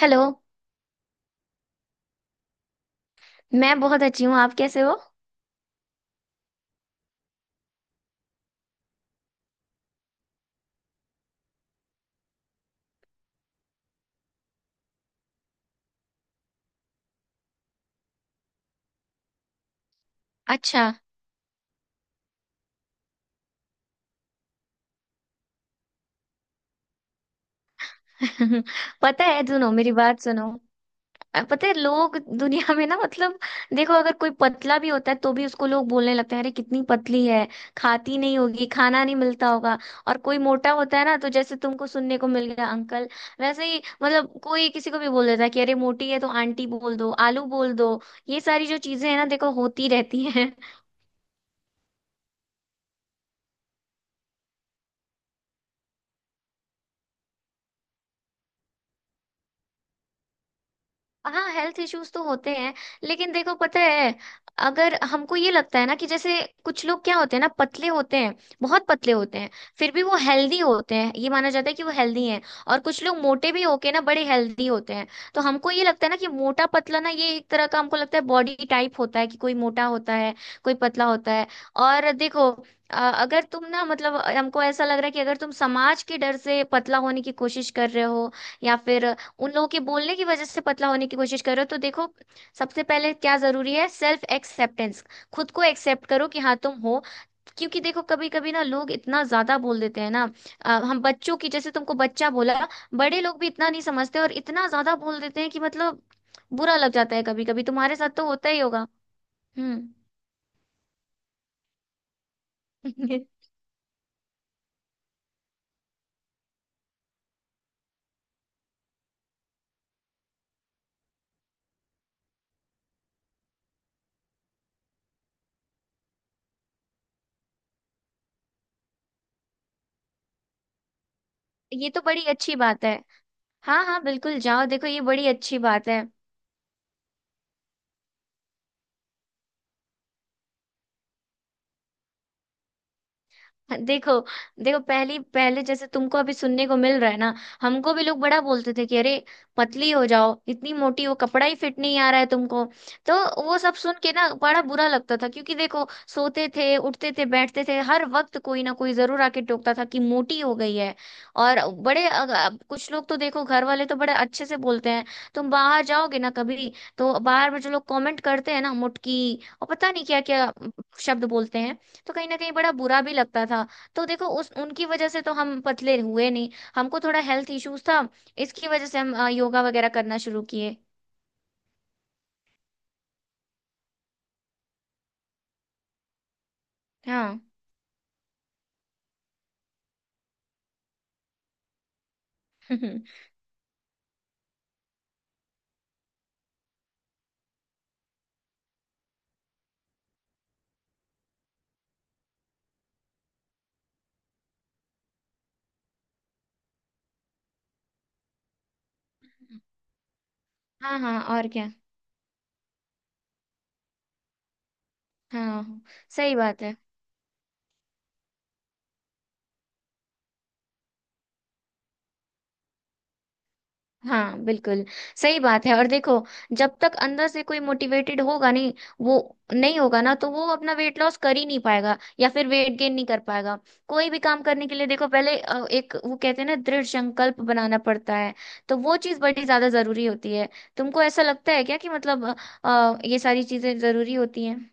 Hello. मैं बहुत अच्छी हूँ, आप कैसे हो? अच्छा। पता है, सुनो मेरी बात सुनो। पता है लोग दुनिया में ना, मतलब देखो अगर कोई पतला भी होता है तो भी उसको लोग बोलने लगते हैं अरे कितनी पतली है, खाती नहीं होगी, खाना नहीं मिलता होगा। और कोई मोटा होता है ना तो जैसे तुमको सुनने को मिल गया अंकल, वैसे ही मतलब कोई किसी को भी बोल देता है कि अरे मोटी है तो आंटी बोल दो, आलू बोल दो। ये सारी जो चीजें हैं ना, देखो होती रहती हैं। हाँ, हेल्थ इश्यूज तो होते हैं, लेकिन देखो पता है, अगर हमको ये लगता है ना कि जैसे कुछ लोग क्या होते हैं ना, पतले होते हैं, बहुत पतले होते हैं, फिर भी वो हेल्दी होते हैं, ये माना जाता है कि वो हेल्दी हैं। और कुछ लोग मोटे भी होके ना बड़े हेल्दी होते हैं। तो हमको ये लगता है ना कि मोटा पतला ना, ये एक तरह का हमको लगता है बॉडी टाइप होता है कि कोई मोटा होता है, कोई पतला होता है। और देखो, अगर तुम ना, मतलब हमको ऐसा लग रहा है कि अगर तुम समाज के डर से पतला होने की कोशिश कर रहे हो या फिर उन लोगों के बोलने की वजह से पतला होने की कोशिश करो तो देखो, सबसे पहले क्या जरूरी है? Self acceptance. खुद को एक्सेप्ट करो कि हाँ तुम हो। क्योंकि देखो कभी कभी ना लोग इतना ज्यादा बोल देते हैं ना, हम बच्चों की, जैसे तुमको बच्चा बोला। बड़े लोग भी इतना नहीं समझते और इतना ज्यादा बोल देते हैं कि मतलब बुरा लग जाता है। कभी कभी तुम्हारे साथ तो होता ही होगा। हम्म। ये तो बड़ी अच्छी बात है। हाँ हाँ बिल्कुल, जाओ, देखो ये बड़ी अच्छी बात है। देखो, देखो पहली पहले जैसे तुमको अभी सुनने को मिल रहा है ना, हमको भी लोग बड़ा बोलते थे कि अरे पतली हो जाओ, इतनी मोटी हो, कपड़ा ही फिट नहीं आ रहा है तुमको। तो वो सब सुन के ना बड़ा बुरा लगता था, क्योंकि देखो सोते थे उठते थे बैठते थे हर वक्त कोई ना कोई जरूर आके टोकता था कि मोटी हो गई है। और अब कुछ लोग तो देखो, घर वाले तो बड़े अच्छे से बोलते हैं। तुम बाहर जाओगे ना कभी, तो बाहर में जो लोग कमेंट करते हैं ना, मुटकी और पता नहीं क्या क्या शब्द बोलते हैं, तो कहीं ना कहीं बड़ा बुरा भी लगता था। तो देखो उस उनकी वजह से तो हम पतले हुए नहीं, हमको थोड़ा हेल्थ इश्यूज था, इसकी वजह से हम योगा वगैरह करना शुरू किए। हाँ। हाँ हाँ, और क्या। हाँ हाँ, सही बात है। हाँ बिल्कुल, सही बात है। और देखो, जब तक अंदर से कोई मोटिवेटेड होगा नहीं, वो नहीं होगा ना, तो वो अपना वेट लॉस कर ही नहीं पाएगा या फिर वेट गेन नहीं कर पाएगा। कोई भी काम करने के लिए देखो पहले, एक वो कहते हैं ना, दृढ़ संकल्प बनाना पड़ता है। तो वो चीज बड़ी ज्यादा जरूरी होती है। तुमको ऐसा लगता है क्या कि मतलब ये सारी चीजें जरूरी होती हैं?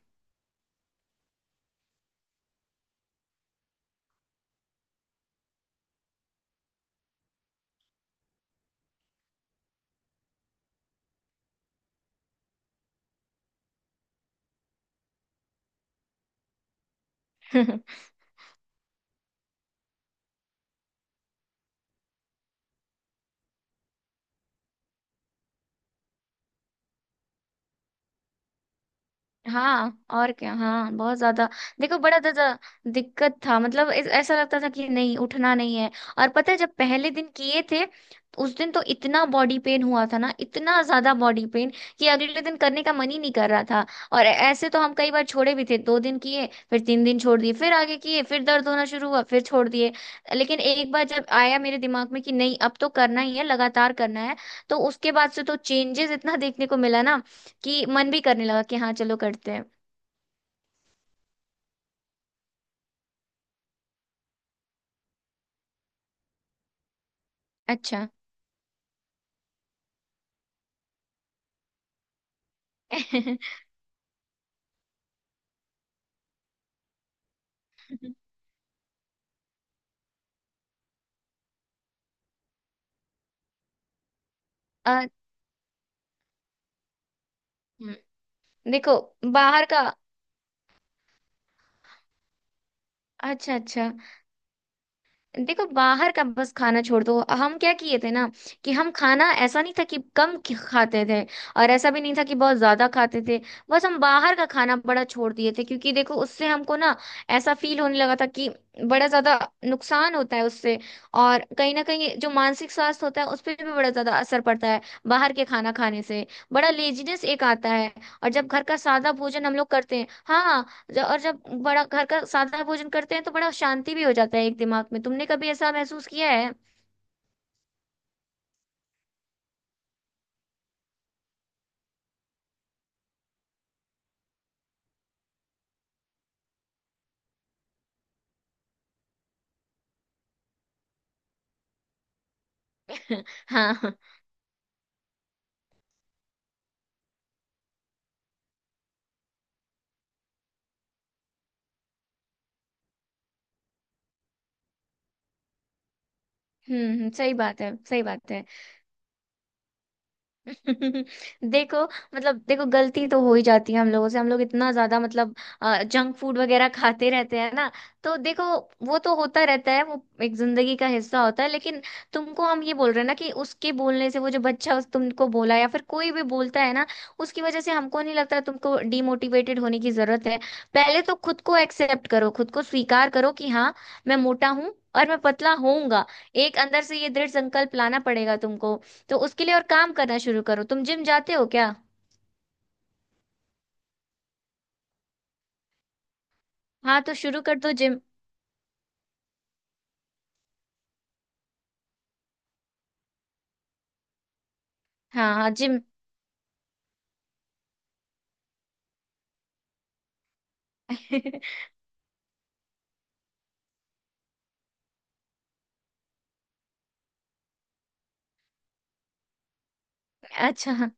हाँ, और क्या। हाँ, बहुत ज्यादा। देखो बड़ा ज्यादा दिक्कत था, मतलब ऐसा लगता था कि नहीं, उठना नहीं है। और पता है, जब पहले दिन किए थे, उस दिन तो इतना बॉडी पेन हुआ था ना, इतना ज्यादा बॉडी पेन कि अगले दिन करने का मन ही नहीं कर रहा था। और ऐसे तो हम कई बार छोड़े भी थे, दो दिन किए फिर तीन दिन छोड़ दिए, फिर आगे किए फिर दर्द होना शुरू हुआ फिर छोड़ दिए। लेकिन एक बार जब आया मेरे दिमाग में कि नहीं अब तो करना ही है, लगातार करना है, तो उसके बाद से तो चेंजेस इतना देखने को मिला ना कि मन भी करने लगा कि हाँ चलो करते हैं। अच्छा। अ, हम्म, देखो बाहर का। अच्छा अच्छा, देखो बाहर का बस खाना छोड़ दो। हम क्या किए थे ना, कि हम खाना, ऐसा नहीं था कि कम खाते थे, और ऐसा भी नहीं था कि बहुत ज्यादा खाते थे, बस हम बाहर का खाना बड़ा छोड़ दिए थे, क्योंकि देखो उससे हमको ना ऐसा फील होने लगा था कि बड़ा ज्यादा नुकसान होता है उससे। और कहीं ना कहीं जो मानसिक स्वास्थ्य होता है उस पर भी बड़ा ज्यादा असर पड़ता है बाहर के खाना खाने से। बड़ा लेजीनेस एक आता है। और जब घर का सादा भोजन हम लोग करते हैं, हाँ, और जब बड़ा घर का सादा भोजन करते हैं तो बड़ा शांति भी हो जाता है एक दिमाग में। तुमने कभी ऐसा महसूस किया है? हाँ। सही बात है, सही बात है। देखो, मतलब देखो, गलती तो हो ही जाती है हम लोगों से, हम लोग इतना ज्यादा मतलब जंक फूड वगैरह खाते रहते हैं ना, तो देखो वो तो होता रहता है, वो एक जिंदगी का हिस्सा होता है। लेकिन तुमको हम ये बोल रहे हैं ना कि उसके बोलने से, वो जो बच्चा उस तुमको बोला या फिर कोई भी बोलता है ना, उसकी वजह से हमको नहीं लगता तुमको डिमोटिवेटेड होने की जरूरत है। पहले तो खुद को एक्सेप्ट करो, खुद को स्वीकार करो कि हाँ मैं मोटा हूँ और मैं पतला होऊंगा। एक अंदर से ये दृढ़ संकल्प लाना पड़ेगा तुमको। तो उसके लिए और काम करना शुरू करो। तुम जिम जाते हो क्या? हाँ तो शुरू कर दो जिम। हाँ हाँ जिम। अच्छा हाँ।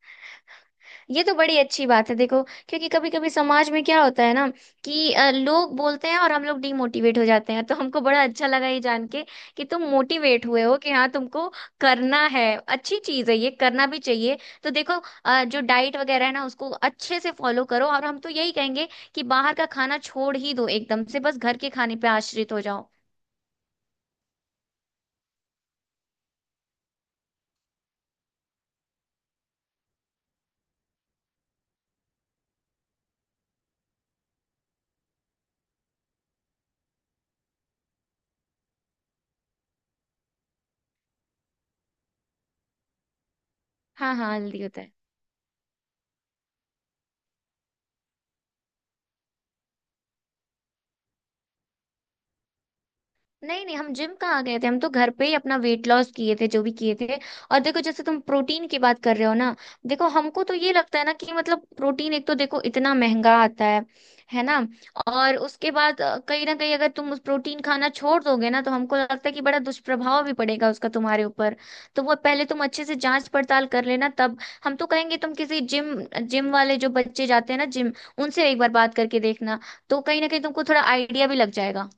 ये तो बड़ी अच्छी बात है। देखो, क्योंकि कभी कभी समाज में क्या होता है ना, कि लोग बोलते हैं और हम लोग डीमोटिवेट हो जाते हैं। तो हमको बड़ा अच्छा लगा ये जान के कि तुम मोटिवेट हुए हो, कि हाँ तुमको करना है, अच्छी चीज है, ये करना भी चाहिए। तो देखो, जो डाइट वगैरह है ना उसको अच्छे से फॉलो करो। और हम तो यही कहेंगे कि बाहर का खाना छोड़ ही दो एकदम से, बस घर के खाने पे आश्रित हो जाओ। हाँ हाँ, हेल्दी होता है। नहीं नहीं, हम जिम कहाँ गए थे, हम तो घर पे ही अपना वेट लॉस किए थे जो भी किए थे। और देखो जैसे तुम प्रोटीन की बात कर रहे हो ना, देखो हमको तो ये लगता है ना कि मतलब प्रोटीन एक तो देखो इतना महंगा आता है ना। और उसके बाद कहीं ना कहीं अगर तुम उस प्रोटीन खाना छोड़ दोगे ना तो हमको लगता है कि बड़ा दुष्प्रभाव भी पड़ेगा उसका तुम्हारे ऊपर। तो वो पहले तुम अच्छे से जांच पड़ताल कर लेना, तब हम तो कहेंगे तुम किसी जिम, जिम वाले जो बच्चे जाते हैं ना जिम, उनसे एक बार बात करके देखना। तो कहीं ना कहीं तुमको थोड़ा आइडिया भी लग जाएगा।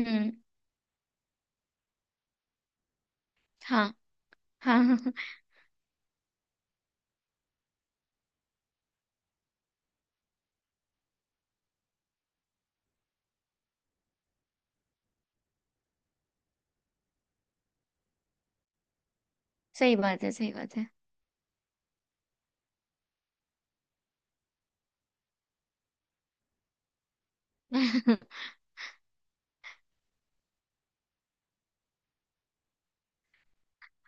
हम्म। हाँ हाँ। सही बात है, सही बात है।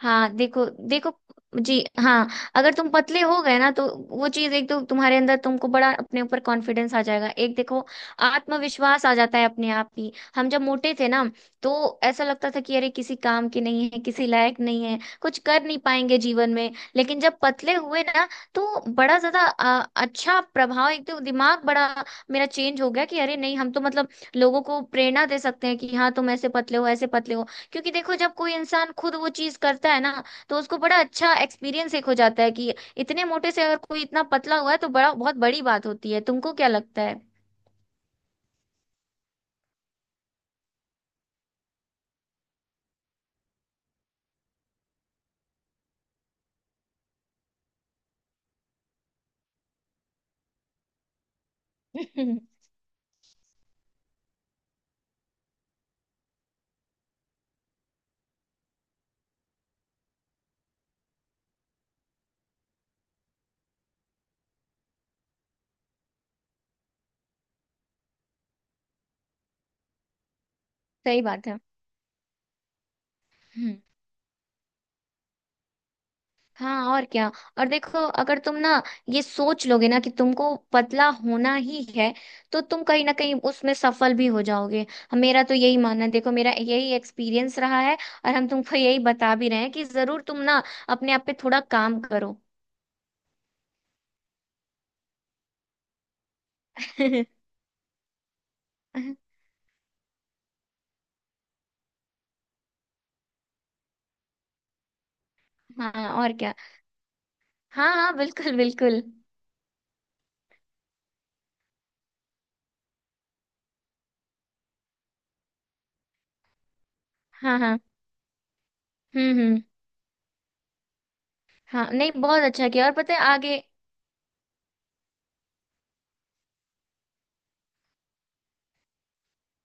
हाँ, देखो देखो, जी हाँ, अगर तुम पतले हो गए ना तो वो चीज एक तो तुम्हारे अंदर तुमको बड़ा अपने ऊपर कॉन्फिडेंस आ जाएगा, एक देखो आत्मविश्वास आ जाता है अपने आप ही। हम जब मोटे थे ना, तो ऐसा लगता था कि अरे किसी काम के नहीं है, किसी लायक नहीं है, कुछ कर नहीं पाएंगे जीवन में। लेकिन जब पतले हुए ना, तो बड़ा ज्यादा अच्छा प्रभाव, एक तो दिमाग बड़ा मेरा चेंज हो गया कि अरे नहीं हम तो मतलब लोगों को प्रेरणा दे सकते हैं कि हाँ तुम ऐसे पतले हो, ऐसे पतले हो। क्योंकि देखो जब कोई इंसान खुद वो चीज करता है ना, तो उसको बड़ा अच्छा एक्सपीरियंस एक हो जाता है कि इतने मोटे से अगर कोई इतना पतला हुआ है तो बड़ा, बहुत बड़ी बात होती है। तुमको क्या लगता है? सही बात है। हम्म। हाँ और क्या। और देखो अगर तुम ना ये सोच लोगे ना कि तुमको पतला होना ही है, तो तुम कहीं ना कहीं उसमें सफल भी हो जाओगे। मेरा तो यही मानना है, देखो मेरा यही एक्सपीरियंस रहा है। और हम तुमको यही बता भी रहे हैं कि जरूर तुम ना अपने आप पे थोड़ा काम करो। हाँ और क्या। हाँ हाँ बिल्कुल बिल्कुल। हाँ हाँ। हम्म। हाँ नहीं, बहुत अच्छा किया। और पता है आगे,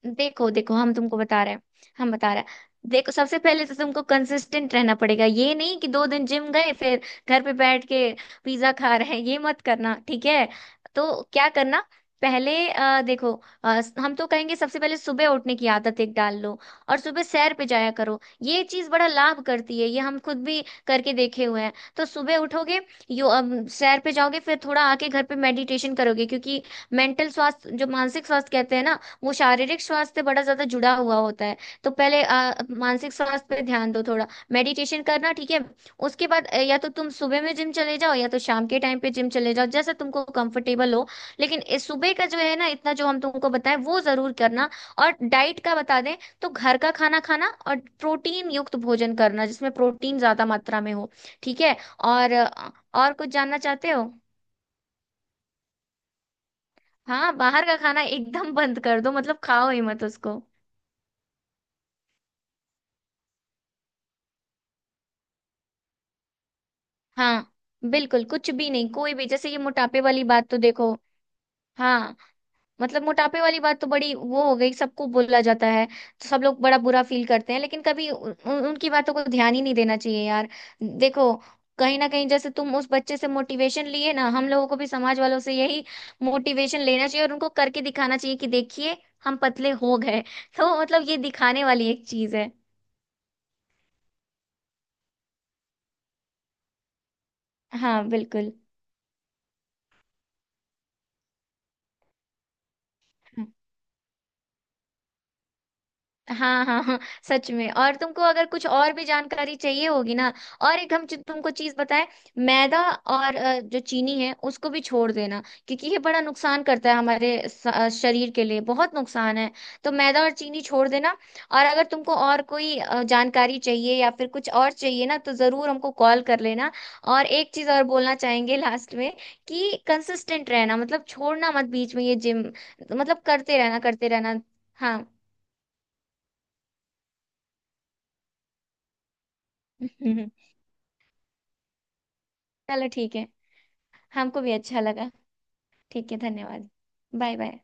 देखो देखो हम तुमको बता रहे हैं, हम बता रहे हैं देखो। सबसे पहले तो तुमको कंसिस्टेंट रहना पड़ेगा, ये नहीं कि दो दिन जिम गए फिर घर पे बैठ के पिज्जा खा रहे हैं, ये मत करना, ठीक है? तो क्या करना, पहले देखो, हम तो कहेंगे सबसे पहले सुबह उठने की आदत एक डाल लो, और सुबह सैर पे जाया करो। ये चीज बड़ा लाभ करती है, ये हम खुद भी करके देखे हुए हैं। तो सुबह उठोगे, सैर पे जाओगे, फिर थोड़ा आके घर पे मेडिटेशन करोगे, क्योंकि मेंटल स्वास्थ्य, जो मानसिक स्वास्थ्य कहते हैं ना, वो शारीरिक स्वास्थ्य से बड़ा ज्यादा जुड़ा हुआ होता है। तो पहले मानसिक स्वास्थ्य पे ध्यान दो थोड़ा, मेडिटेशन करना, ठीक है। उसके बाद या तो तुम सुबह में जिम चले जाओ या तो शाम के टाइम पे जिम चले जाओ, जैसा तुमको कंफर्टेबल हो। लेकिन इस सुबह का जो है ना, इतना जो हम तुमको बताएं वो जरूर करना। और डाइट का बता दें, तो घर का खाना खाना और प्रोटीन युक्त भोजन करना जिसमें प्रोटीन ज्यादा मात्रा में हो, ठीक है। और और कुछ जानना चाहते हो? हाँ बाहर का खाना एकदम बंद कर दो, मतलब खाओ ही मत उसको। हाँ बिल्कुल, कुछ भी नहीं, कोई भी, जैसे ये मोटापे वाली बात, तो देखो, हाँ मतलब मोटापे वाली बात तो बड़ी वो हो गई, सबको बोला जाता है तो सब लोग बड़ा बुरा फील करते हैं, लेकिन कभी उन, उन- उनकी बातों को ध्यान ही नहीं देना चाहिए यार। देखो कहीं ना कहीं जैसे तुम उस बच्चे से मोटिवेशन लिए ना, हम लोगों को भी समाज वालों से यही मोटिवेशन लेना चाहिए और उनको करके दिखाना चाहिए कि देखिए हम पतले हो गए। तो मतलब ये दिखाने वाली एक चीज है। हाँ बिल्कुल। हाँ हाँ हाँ। सच में, और तुमको अगर कुछ और भी जानकारी चाहिए होगी ना, और एक हम तुमको चीज बताएं, मैदा और जो चीनी है उसको भी छोड़ देना, क्योंकि ये बड़ा नुकसान करता है हमारे शरीर के लिए, बहुत नुकसान है। तो मैदा और चीनी छोड़ देना। और अगर तुमको और कोई जानकारी चाहिए या फिर कुछ और चाहिए ना, तो जरूर हमको कॉल कर लेना। और एक चीज और बोलना चाहेंगे लास्ट में, कि कंसिस्टेंट रहना, मतलब छोड़ना मत बीच में ये जिम, मतलब करते रहना करते रहना। हाँ। चलो ठीक है। हमको भी अच्छा लगा। ठीक है, धन्यवाद। Bye bye.